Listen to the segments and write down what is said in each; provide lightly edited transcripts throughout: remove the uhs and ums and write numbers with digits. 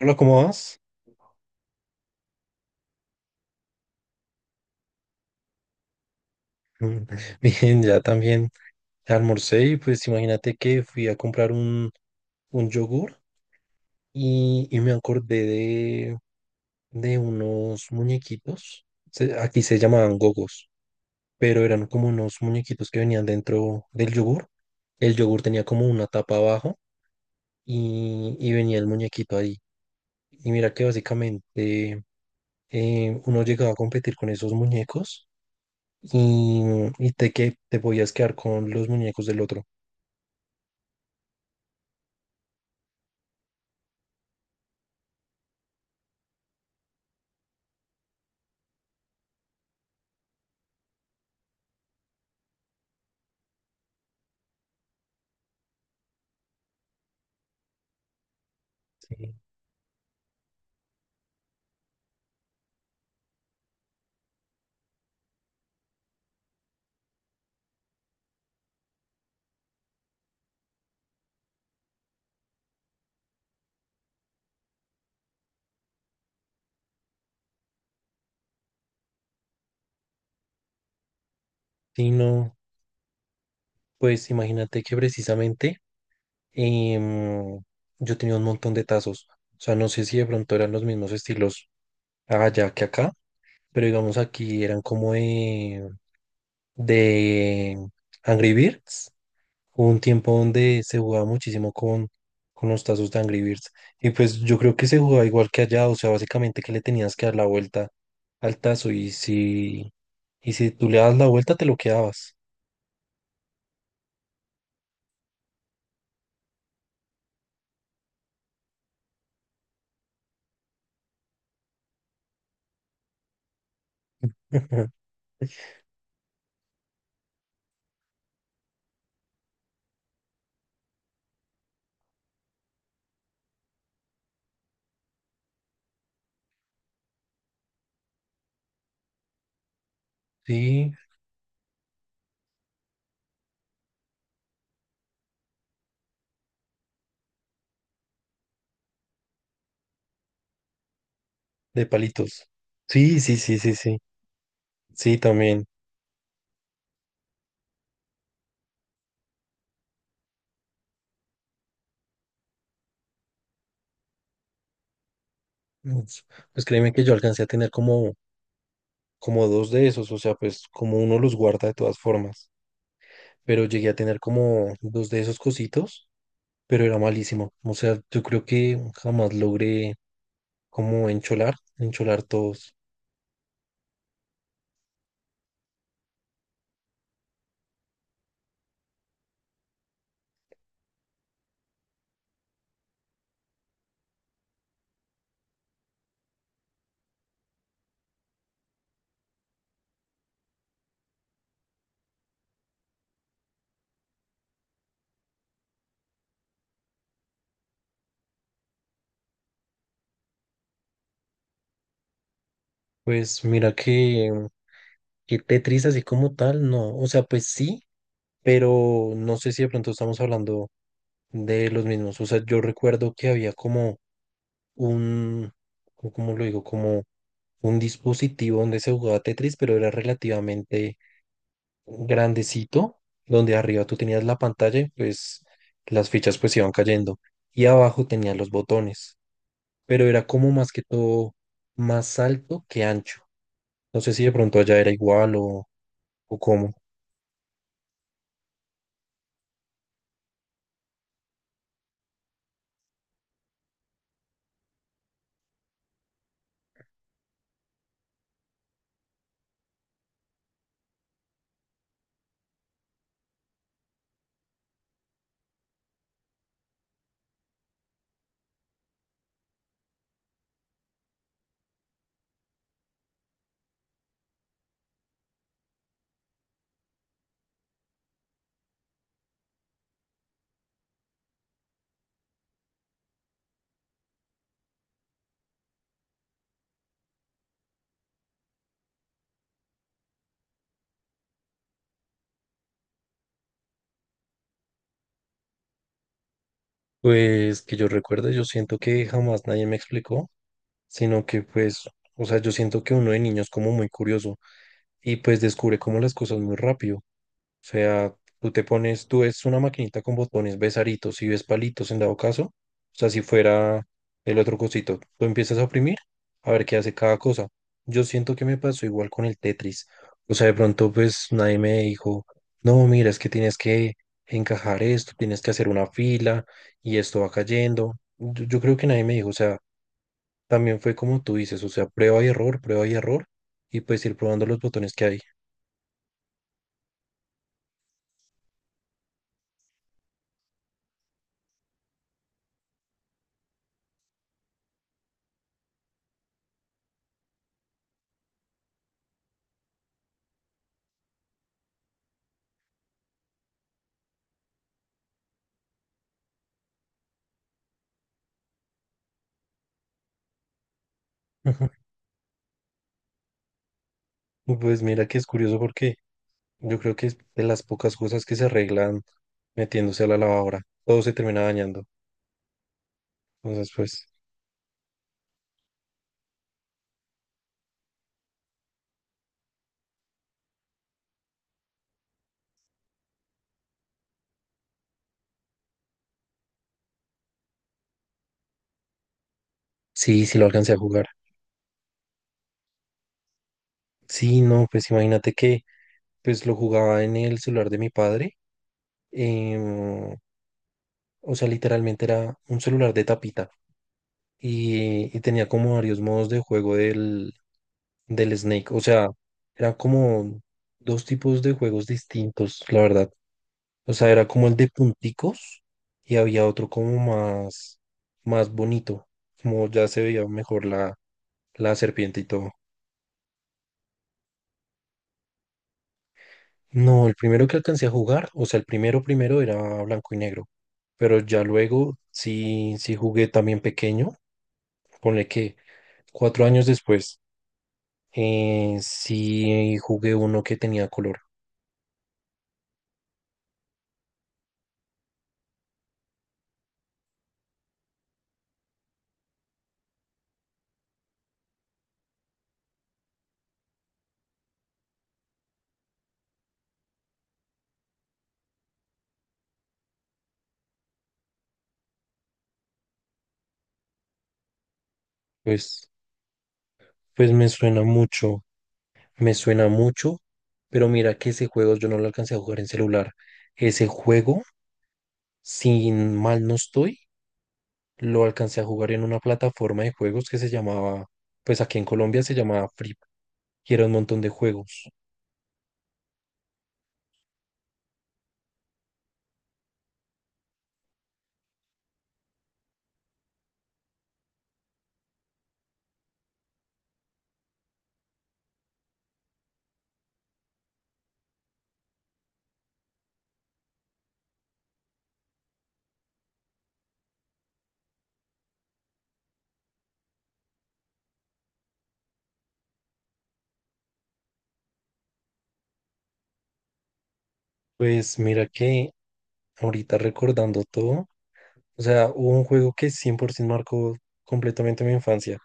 Hola, ¿cómo vas? Mm, bien, ya también almorcé y pues imagínate que fui a comprar un yogur y me acordé de unos muñequitos. Aquí se llamaban gogos, pero eran como unos muñequitos que venían dentro del yogur. El yogur tenía como una tapa abajo y venía el muñequito ahí. Y mira que básicamente uno llegaba a competir con esos muñecos y, te podías quedar con los muñecos del otro. Eh, Sí, no, pues imagínate que precisamente em, yo tenía un montón de tazos. O sea, no sé si de pronto eran los mismos estilos allá que acá, pero digamos aquí eran como de Angry Birds. Hubo un tiempo donde se jugaba muchísimo con los tazos de Angry Birds. Y pues yo creo que se jugaba igual que allá, o sea, básicamente que le tenías que dar la vuelta al tazo y si tú le das la vuelta te lo quedabas. Sí, de palitos. Sí, sí, sí, sí, sí. Sí, también. Pues, pues créeme que yo alcancé a tener como dos de esos, o sea, pues como uno los guarda de todas formas. Pero llegué a tener como dos de esos cositos, pero era malísimo. O sea, yo creo que jamás logré como encholar, encholar todos. Pues mira que Tetris así como tal, no. O sea, pues sí, pero no sé si de pronto estamos hablando de los mismos. O sea, yo recuerdo que había como un, ¿cómo lo digo? Como un dispositivo donde se jugaba Tetris, pero era relativamente grandecito, donde arriba tú tenías la pantalla y pues las fichas pues iban cayendo. Y abajo tenías los botones, pero era como más que todo más alto que ancho. No sé si de pronto allá era igual o cómo. Pues que yo recuerde, yo siento que jamás nadie me explicó, sino que pues, o sea, yo siento que uno de niños como muy curioso y pues descubre como las cosas muy rápido. O sea, tú te pones, tú ves una maquinita con botones, ves aritos y ves palitos en dado caso. O sea, si fuera el otro cosito, tú empiezas a oprimir a ver qué hace cada cosa. Yo siento que me pasó igual con el Tetris. O sea, de pronto pues nadie me dijo, no, mira, es que tienes que encajar esto, tienes que hacer una fila y esto va cayendo. Yo creo que nadie me dijo, o sea, también fue como tú dices, o sea, prueba y error y pues ir probando los botones que hay. Pues mira que es curioso porque yo creo que es de las pocas cosas que se arreglan metiéndose a la lavadora. Todo se termina dañando. Entonces, pues sí, sí lo alcancé a jugar. Sí, no, pues imagínate que pues lo jugaba en el celular de mi padre. em, o sea, literalmente era un celular de tapita. Y tenía como varios modos de juego del Snake. O sea, eran como dos tipos de juegos distintos, la verdad. O sea, era como el de punticos y había otro como más, más bonito, como ya se veía mejor la serpiente y todo. No, el primero que alcancé a jugar, o sea, el primero primero era blanco y negro, pero ya luego sí, sí jugué también pequeño, ponle que cuatro años después. Sí, jugué uno que tenía color. Pues, pues me suena mucho, pero mira que ese juego yo no lo alcancé a jugar en celular. Ese juego, sin mal no estoy, lo alcancé a jugar en una plataforma de juegos que se llamaba, pues aquí en Colombia se llamaba Free, y era un montón de juegos. Pues mira que ahorita recordando todo, o sea, hubo un juego que 100% marcó completamente mi infancia.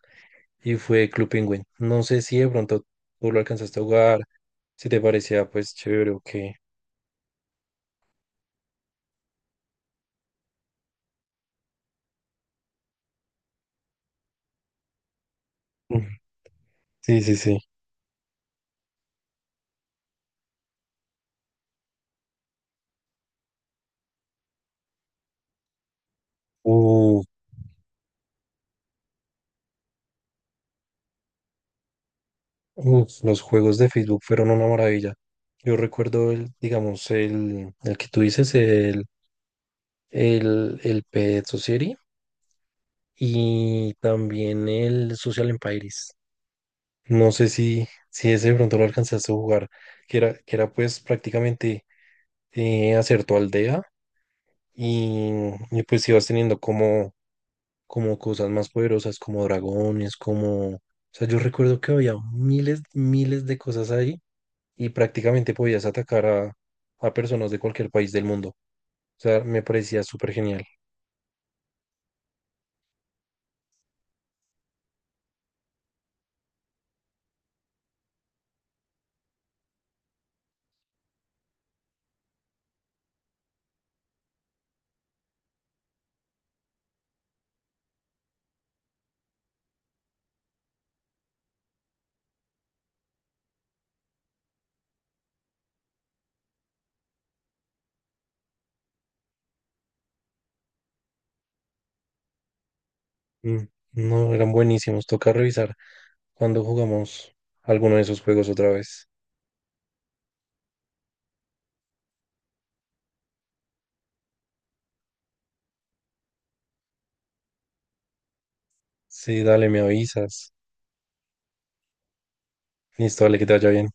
Y fue Club Penguin. No sé si de pronto tú lo alcanzaste a jugar, si te parecía pues chévere o qué. Ujú. Sí, sí, sí. Uh, uf, los juegos de Facebook fueron una maravilla. Yo recuerdo el que tú dices, el Pet Society y también el Social Empires. No sé si ese de pronto lo alcanzaste a jugar, que era pues prácticamente hacer tu aldea y, y pues ibas teniendo como como cosas más poderosas, como dragones, como... O sea, yo recuerdo que había miles, miles de cosas ahí y prácticamente podías atacar a personas de cualquier país del mundo. O sea, me parecía súper genial. Mm, no, eran buenísimos. Toca revisar cuando jugamos alguno de esos juegos otra vez. Sí, dale, me avisas. Listo, dale, que te vaya bien.